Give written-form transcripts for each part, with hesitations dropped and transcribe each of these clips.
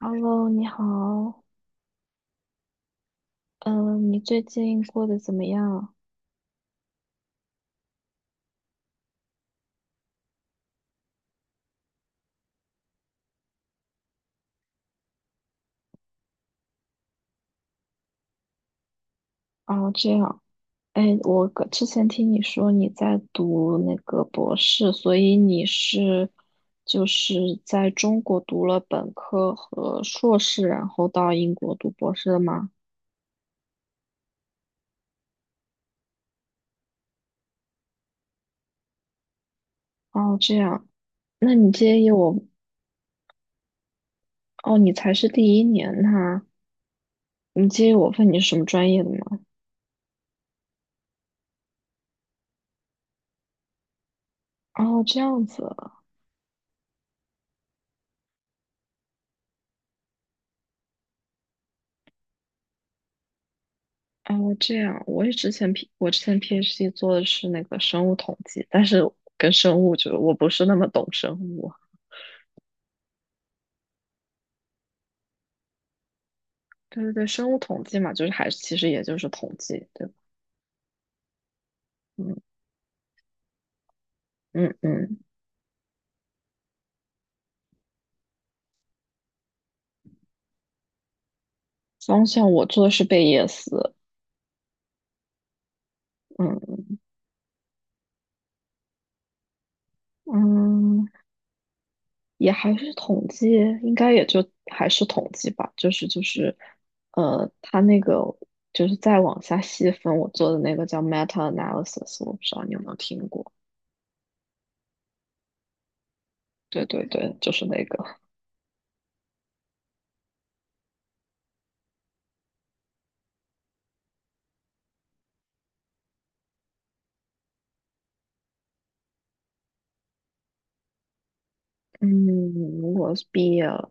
Hello，你好，嗯，你最近过得怎么样？哦，这样，哎，我个之前听你说你在读那个博士，所以你是就是在中国读了本科和硕士，然后到英国读博士的吗？哦，这样，那你介意我？哦，你才是第一年呐，你介意我问你是什么专业的吗？哦，这样子，哦，这样，我之前 PhD 做的是那个生物统计，但是跟生物就我不是那么懂生物。对对对，生物统计嘛，就是还是其实也就是统计，对吧？嗯嗯嗯，方向我做的是贝叶斯，嗯嗯，也还是统计，应该也就还是统计吧，就是，它那个就是再往下细分，我做的那个叫 meta analysis，我不知道你有没有听过。对对对，就是那个。嗯，如果是毕业了，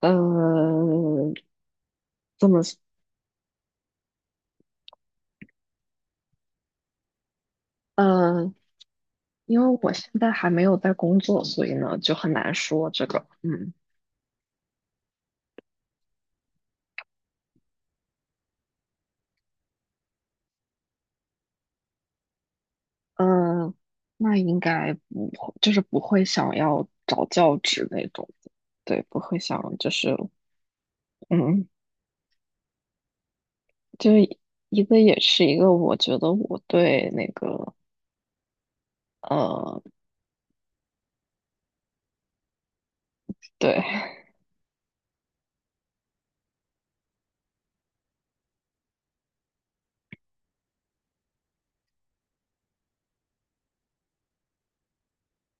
呃，这么说，呃，因为我现在还没有在工作，所以呢就很难说这个，呃，那应该不会，就是不会想要找教职那种的对，不会想就是，嗯，就是一个也是一个，我觉得我对那个，呃，对，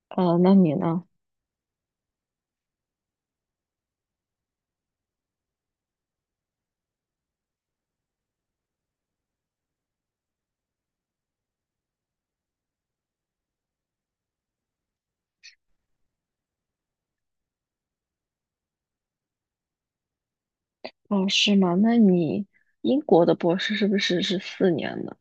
那你呢？哦，是吗？那你英国的博士是不是四年的？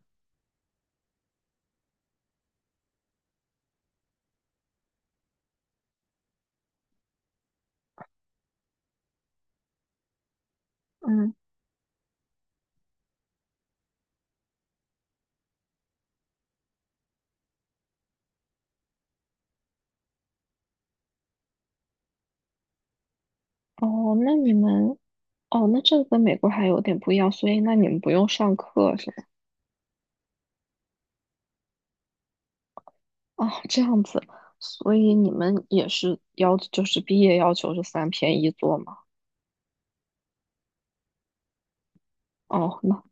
嗯。哦，那你们，哦，那这个跟美国还有点不一样，所以那你们不用上课是吗？哦，这样子，所以你们也是要，就是毕业要求是3篇一作吗？哦，那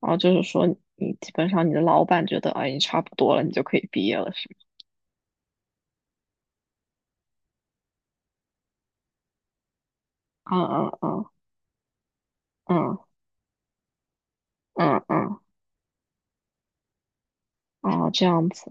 哦，就是说你基本上你的老板觉得，哎，你差不多了，你就可以毕业了，是吗？嗯嗯嗯嗯嗯嗯，嗯哦，这样子，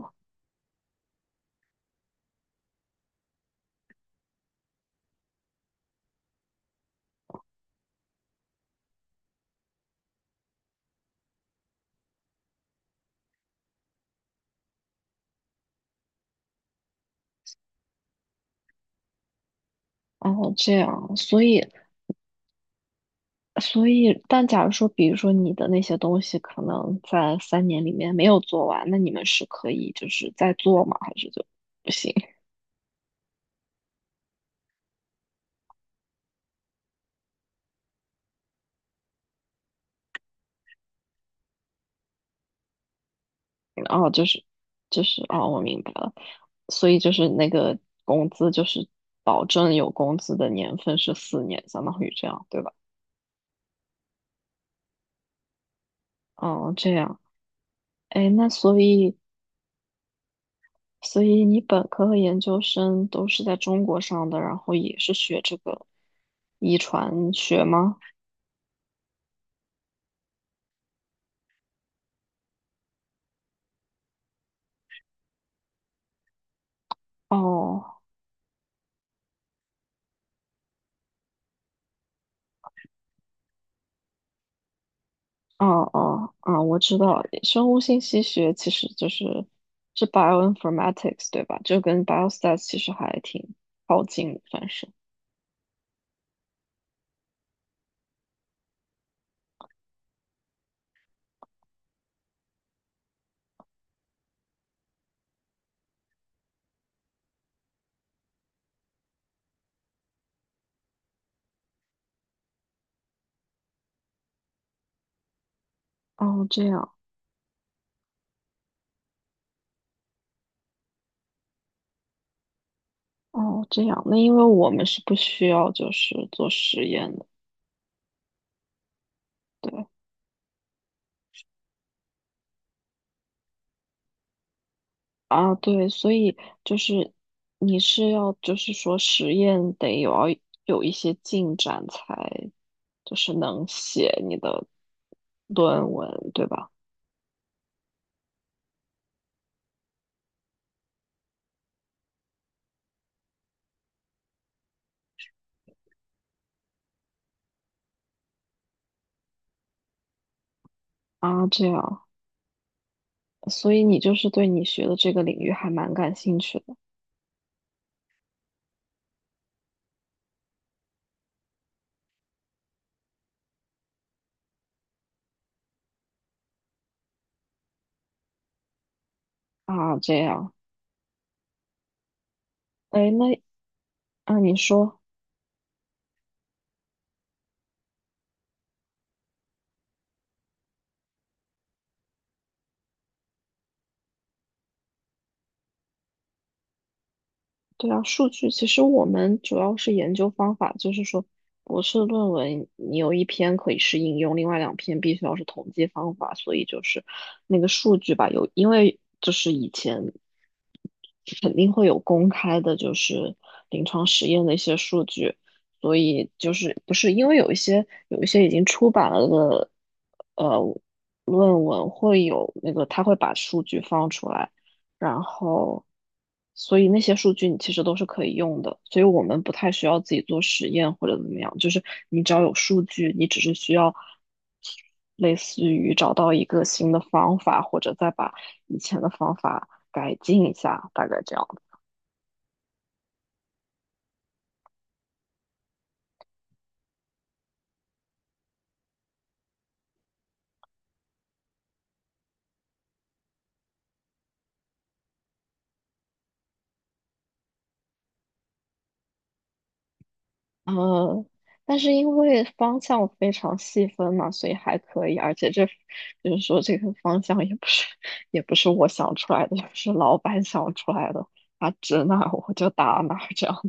哦，这样，所以，但假如说，比如说你的那些东西可能在3年里面没有做完，那你们是可以就是再做吗？还是就不行？哦，就是哦，我明白了。所以就是那个工资就是保证有工资的年份是四年，相当于这样，对吧？哦，这样。哎，那所以你本科和研究生都是在中国上的，然后也是学这个遗传学吗？哦。哦哦啊，我知道，生物信息学其实就是 bioinformatics 对吧？就跟 biostat 其实还挺靠近的，算是。哦，这样，哦，这样，那因为我们是不需要就是做实验的，对啊，对，所以就是你是要就是说实验得有要有一些进展才就是能写你的论文，对吧？啊，这样。所以你就是对你学的这个领域还蛮感兴趣的啊，这样，哎，那啊，你说，对啊，数据，其实我们主要是研究方法，就是说博士论文你有1篇可以是应用，另外2篇必须要是统计方法，所以就是那个数据吧，有，因为就是以前肯定会有公开的，就是临床实验的一些数据，所以就是不是因为有一些已经出版了的呃论文会有那个，他会把数据放出来，然后所以那些数据你其实都是可以用的，所以我们不太需要自己做实验或者怎么样，就是你只要有数据，你只是需要。类似于找到一个新的方法，或者再把以前的方法改进一下，大概这样。嗯，但是因为方向非常细分嘛，所以还可以。而且这就是说，这个方向也不是我想出来的，也不是老板想出来的，他指哪儿我就打哪儿这样。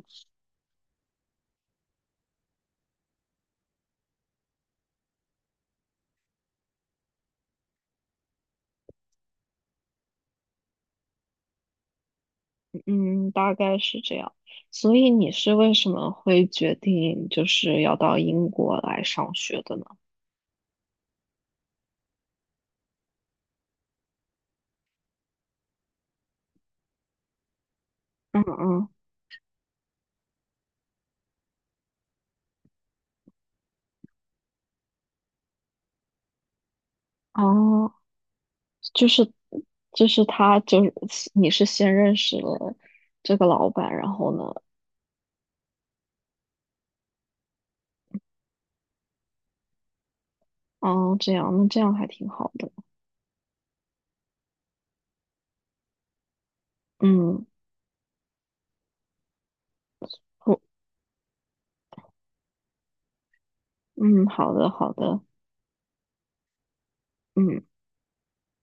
嗯，大概是这样。所以你是为什么会决定就是要到英国来上学的呢？嗯嗯，哦，就是就是他就是你是先认识了这个老板，然后呢，哦，这样，那这样还挺好的。嗯，我，嗯，好的，好的，嗯。